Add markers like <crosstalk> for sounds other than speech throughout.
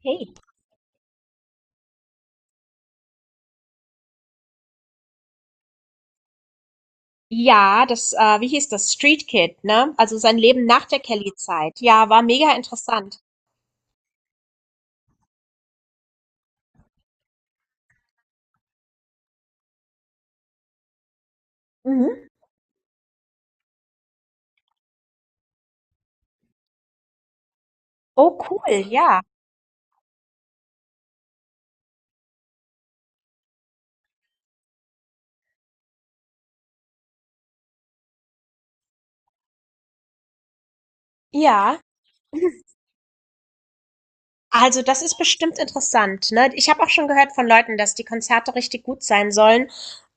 Hey. Ja, wie hieß das? Street Kid, ne? Also sein Leben nach der Kelly-Zeit. Ja, war mega interessant. Mhm. Oh, cool, ja. Ja. Also, das ist bestimmt interessant, ne? Ich habe auch schon gehört von Leuten, dass die Konzerte richtig gut sein sollen.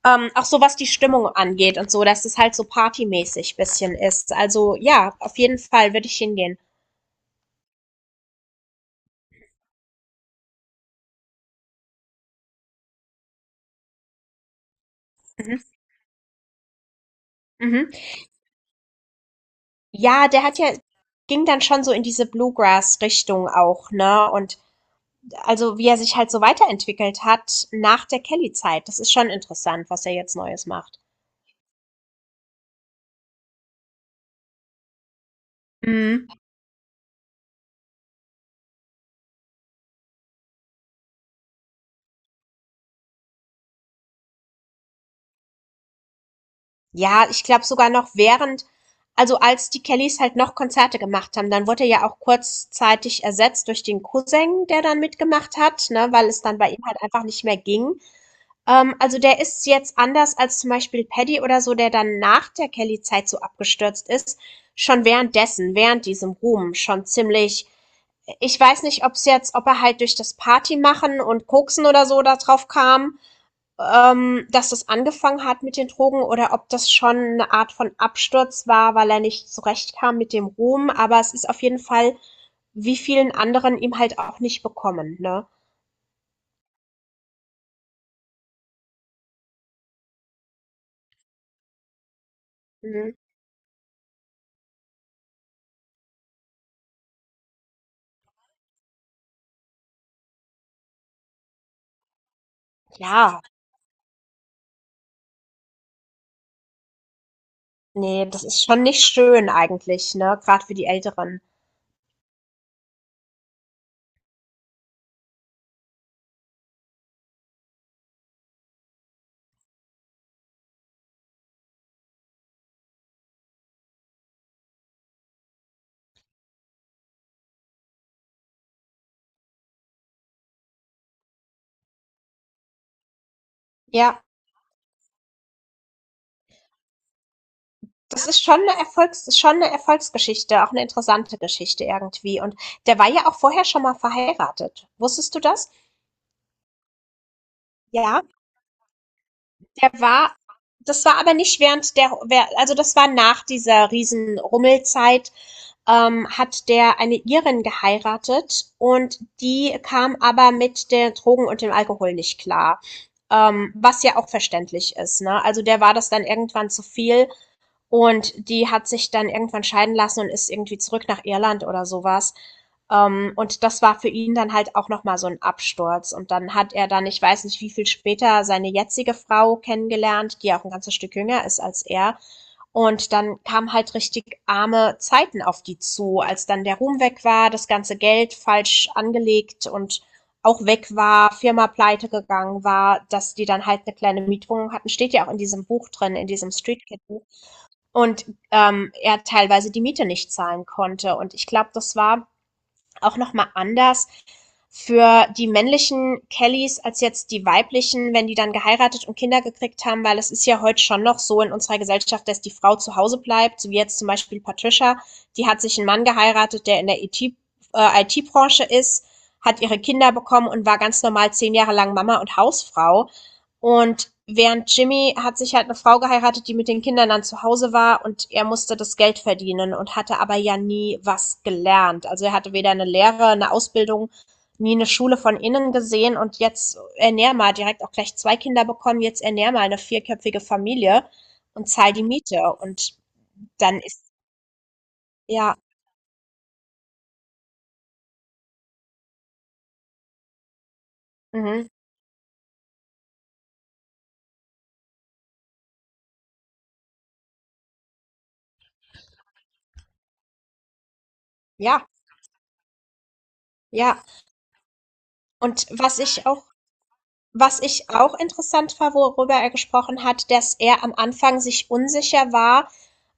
Auch so was die Stimmung angeht und so, dass es halt so partymäßig bisschen ist. Also, ja, auf jeden Fall würde ich hingehen. Mhm. Mhm. Ja, der hat ja, ging dann schon so in diese Bluegrass-Richtung auch, ne? Und also wie er sich halt so weiterentwickelt hat nach der Kelly-Zeit. Das ist schon interessant, was er jetzt Neues macht. Mhm. Ja, ich glaube sogar noch während, also als die Kellys halt noch Konzerte gemacht haben, dann wurde er ja auch kurzzeitig ersetzt durch den Cousin, der dann mitgemacht hat, ne, weil es dann bei ihm halt einfach nicht mehr ging. Also der ist jetzt anders als zum Beispiel Paddy oder so, der dann nach der Kelly-Zeit so abgestürzt ist, schon währenddessen, während diesem Ruhm, schon ziemlich, ich weiß nicht, ob es jetzt, ob er halt durch das Party machen und Koksen oder so da drauf kam, dass das angefangen hat mit den Drogen oder ob das schon eine Art von Absturz war, weil er nicht zurechtkam mit dem Ruhm. Aber es ist auf jeden Fall, wie vielen anderen ihm halt auch nicht bekommen, ne? Mhm. Ja, nee, das ist schon nicht schön eigentlich, ne? Gerade für die Älteren. Ja. Das ist schon eine Erfolgs ist schon 'ne Erfolgsgeschichte, auch eine interessante Geschichte irgendwie. Und der war ja auch vorher schon mal verheiratet. Wusstest du das? Ja, der war das war aber nicht während der wer also, das war nach dieser Riesenrummelzeit, hat der eine Irin geheiratet und die kam aber mit den Drogen und dem Alkohol nicht klar, was ja auch verständlich ist, ne? Also, der war das dann irgendwann zu viel. Und die hat sich dann irgendwann scheiden lassen und ist irgendwie zurück nach Irland oder sowas. Und das war für ihn dann halt auch nochmal so ein Absturz. Und dann hat er dann, ich weiß nicht wie viel später, seine jetzige Frau kennengelernt, die ja auch ein ganzes Stück jünger ist als er. Und dann kamen halt richtig arme Zeiten auf die zu, als dann der Ruhm weg war, das ganze Geld falsch angelegt und auch weg war, Firma pleite gegangen war, dass die dann halt eine kleine Mietwohnung hatten, steht ja auch in diesem Buch drin, in diesem Street Kid Buch, und er teilweise die Miete nicht zahlen konnte. Und ich glaube, das war auch nochmal anders für die männlichen Kellys als jetzt die weiblichen, wenn die dann geheiratet und Kinder gekriegt haben, weil es ist ja heute schon noch so in unserer Gesellschaft, dass die Frau zu Hause bleibt, so wie jetzt zum Beispiel Patricia, die hat sich einen Mann geheiratet, der in der IT-Branche ist, hat ihre Kinder bekommen und war ganz normal 10 Jahre lang Mama und Hausfrau. Und während Jimmy hat sich halt eine Frau geheiratet, die mit den Kindern dann zu Hause war und er musste das Geld verdienen und hatte aber ja nie was gelernt. Also er hatte weder eine Lehre, eine Ausbildung, nie eine Schule von innen gesehen und jetzt ernähr mal direkt auch gleich zwei Kinder bekommen, jetzt ernähr mal eine vierköpfige Familie und zahl die Miete. Dann ist, ja, mhm, ja, ja. Und was ich auch Was ich auch interessant war, worüber er gesprochen hat, dass er am Anfang sich unsicher war,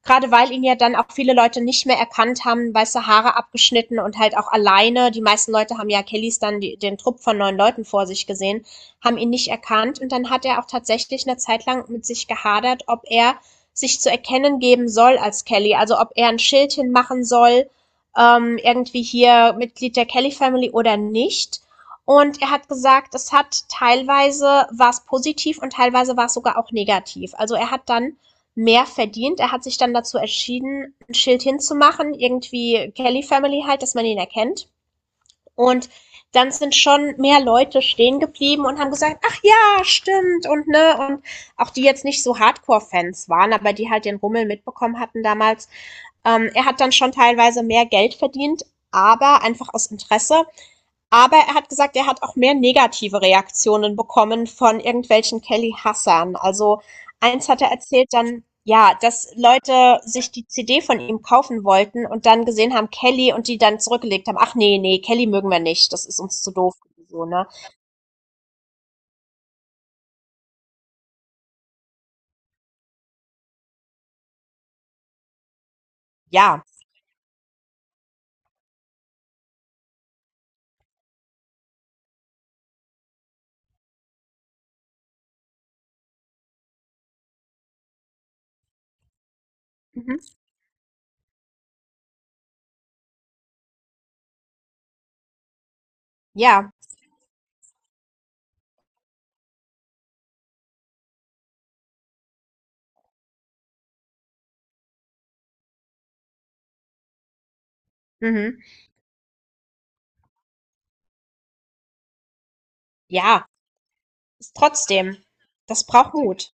gerade weil ihn ja dann auch viele Leute nicht mehr erkannt haben, weiße Haare abgeschnitten und halt auch alleine. Die meisten Leute haben ja Kellys dann die, den Trupp von neun Leuten vor sich gesehen, haben ihn nicht erkannt. Und dann hat er auch tatsächlich eine Zeit lang mit sich gehadert, ob er sich zu erkennen geben soll als Kelly. Also ob er ein Schild hinmachen soll, irgendwie hier Mitglied der Kelly Family oder nicht. Und er hat gesagt, es hat teilweise war es positiv und teilweise war es sogar auch negativ. Also er hat dann mehr verdient. Er hat sich dann dazu entschieden, ein Schild hinzumachen, irgendwie Kelly Family halt, dass man ihn erkennt. Und dann sind schon mehr Leute stehen geblieben und haben gesagt, ach ja, stimmt und ne, und auch die jetzt nicht so Hardcore-Fans waren, aber die halt den Rummel mitbekommen hatten damals. Er hat dann schon teilweise mehr Geld verdient, aber einfach aus Interesse, aber er hat gesagt, er hat auch mehr negative Reaktionen bekommen von irgendwelchen Kelly Hassern. Also eins hat er erzählt dann, ja, dass Leute sich die CD von ihm kaufen wollten und dann gesehen haben Kelly und die dann zurückgelegt haben, ach nee, nee, Kelly mögen wir nicht, das ist uns zu doof. So, ne? Ja. Mhm. Ja. Mhm. Ja. Ist trotzdem. Das braucht Mut.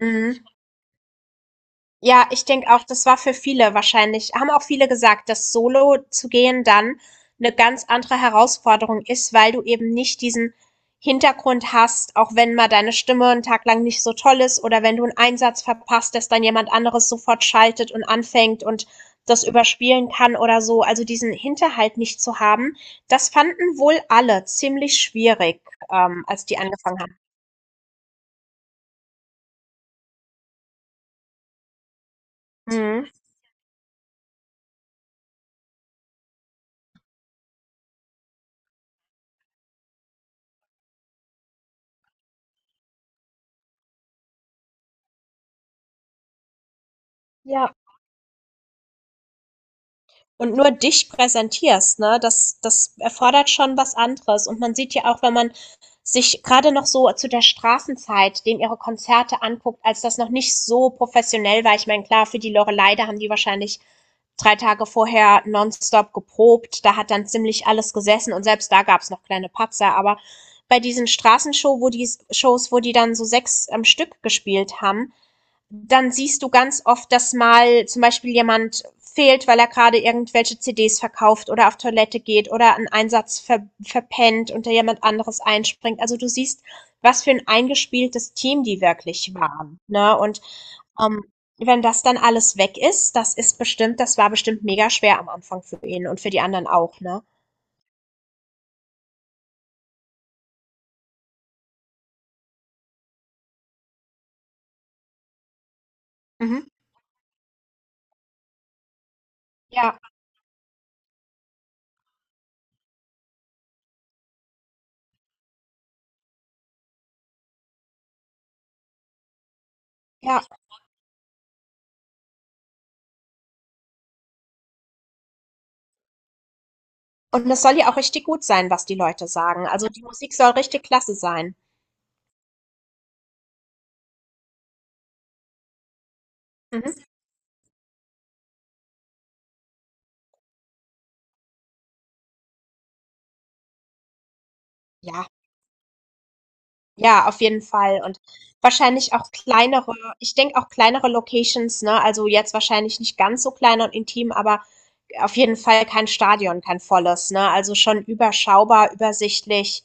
Mhm. Ja, ich denke auch, das war für viele wahrscheinlich, haben auch viele gesagt, dass Solo zu gehen dann eine ganz andere Herausforderung ist, weil du eben nicht diesen Hintergrund hast, auch wenn mal deine Stimme einen Tag lang nicht so toll ist oder wenn du einen Einsatz verpasst, dass dann jemand anderes sofort schaltet und anfängt und das überspielen kann oder so. Also, diesen Hinterhalt nicht zu haben, das fanden wohl alle ziemlich schwierig, als die angefangen haben. Mhm. Ja. Und nur dich präsentierst, ne, das erfordert schon was anderes. Und man sieht ja auch, wenn man sich gerade noch so zu der Straßenzeit, den ihre Konzerte anguckt, als das noch nicht so professionell war. Ich meine, klar, für die Lorelei, da haben die wahrscheinlich 3 Tage vorher nonstop geprobt. Da hat dann ziemlich alles gesessen und selbst da gab's noch kleine Patzer. Aber bei diesen Straßenshow, wo die Shows, wo die dann so sechs am Stück gespielt haben, dann siehst du ganz oft, dass mal zum Beispiel jemand fehlt, weil er gerade irgendwelche CDs verkauft oder auf Toilette geht oder einen Einsatz verpennt und da jemand anderes einspringt. Also du siehst, was für ein eingespieltes Team die wirklich waren. Ne? Und ähm, wenn das dann alles weg ist, das ist bestimmt, das war bestimmt mega schwer am Anfang für ihn und für die anderen auch. Ne? Mhm. Ja, ja. Und das soll ja auch richtig gut sein, was die Leute sagen. Also die Musik soll richtig klasse sein. Mhm. Ja, ja, auf jeden Fall. Und wahrscheinlich auch kleinere ich denke auch kleinere Locations, ne? Also, jetzt wahrscheinlich nicht ganz so klein und intim, aber auf jeden Fall kein Stadion, kein volles, ne? Also, schon überschaubar, übersichtlich.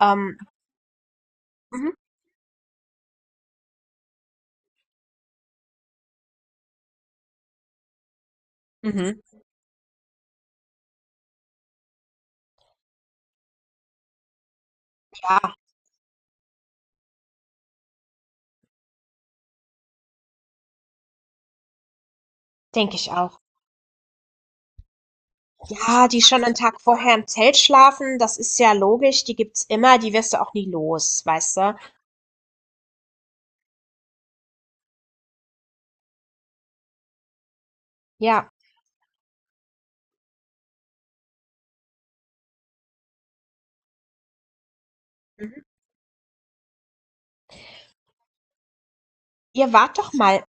Ähm, mhm, mhm, ja, denke ich auch. Ja, die schon einen Tag vorher im Zelt schlafen, das ist ja logisch, die gibt's immer, die wirst du auch nie los, weißt du? Ja, mhm. Ihr wart doch mal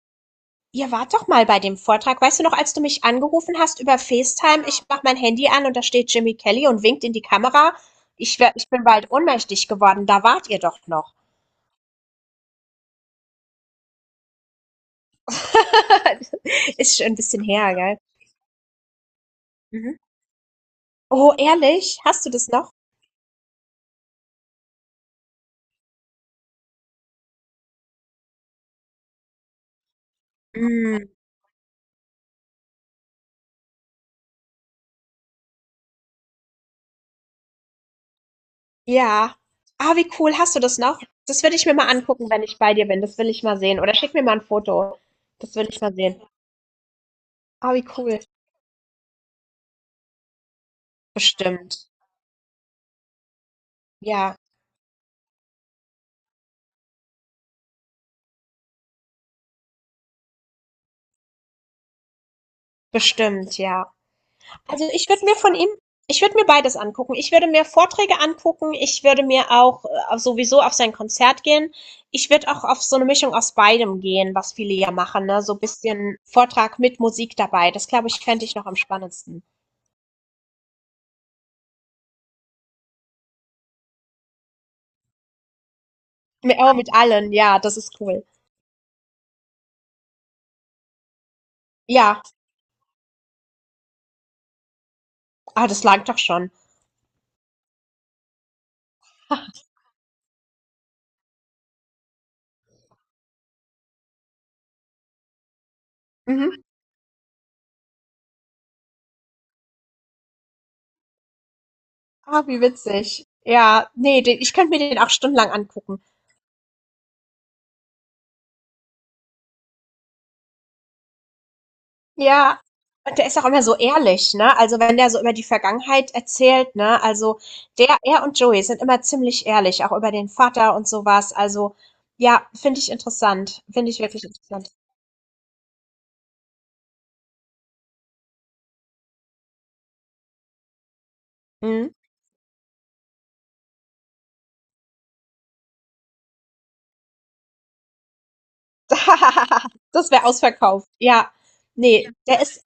Ihr wart doch mal bei dem Vortrag. Weißt du noch, als du mich angerufen hast über FaceTime? Ich mach mein Handy an und da steht Jimmy Kelly und winkt in die Kamera. Ich bin bald ohnmächtig geworden. Da wart ihr doch noch. <laughs> Ist schon ein bisschen her, gell? Mhm. Oh, ehrlich? Hast du das noch? Mm, ja. Ah, wie cool. Hast du das noch? Das würde ich mir mal angucken, wenn ich bei dir bin. Das will ich mal sehen. Oder schick mir mal ein Foto. Das will ich mal sehen. Ah, wie cool. Bestimmt. Ja, bestimmt, ja. Also, ich würde mir beides angucken. Ich würde mir Vorträge angucken. Ich würde mir auch sowieso auf sein Konzert gehen. Ich würde auch auf so eine Mischung aus beidem gehen, was viele ja machen, ne? So ein bisschen Vortrag mit Musik dabei. Das glaube ich, fände ich noch am spannendsten. Oh, mit allen, ja, das ist cool. Ja, ah, das langt doch schon. Mhm. Ah, wie witzig. Ja, nee, den, ich könnte mir den auch stundenlang angucken. Ja, und der ist auch immer so ehrlich, ne? Also, wenn der so über die Vergangenheit erzählt, ne? Also, der er und Joey sind immer ziemlich ehrlich, auch über den Vater und sowas. Also, ja, finde ich interessant. Finde ich wirklich interessant. Mhm. <laughs> Das wäre ausverkauft. Ja. Nee, der ist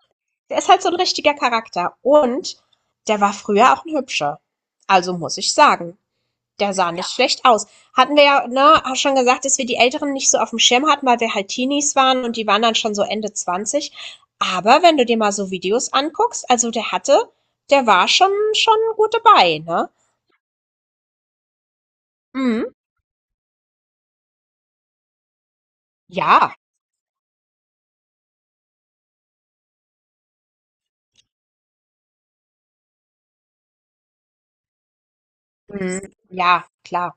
der ist halt so ein richtiger Charakter und der war früher auch ein Hübscher. Also, muss ich sagen. Der sah nicht schlecht aus. Hatten wir ja, ne, schon gesagt, dass wir die Älteren nicht so auf dem Schirm hatten, weil wir halt Teenies waren und die waren dann schon so Ende 20. Aber wenn du dir mal so Videos anguckst, also der war schon, schon gut dabei, ne? Mhm. Ja. Mhm. Ja, klar.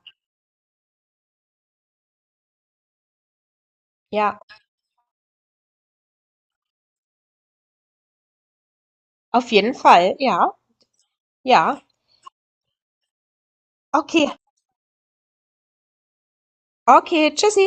Ja, auf jeden Fall. Ja, ja. Okay, okay, tschüssi.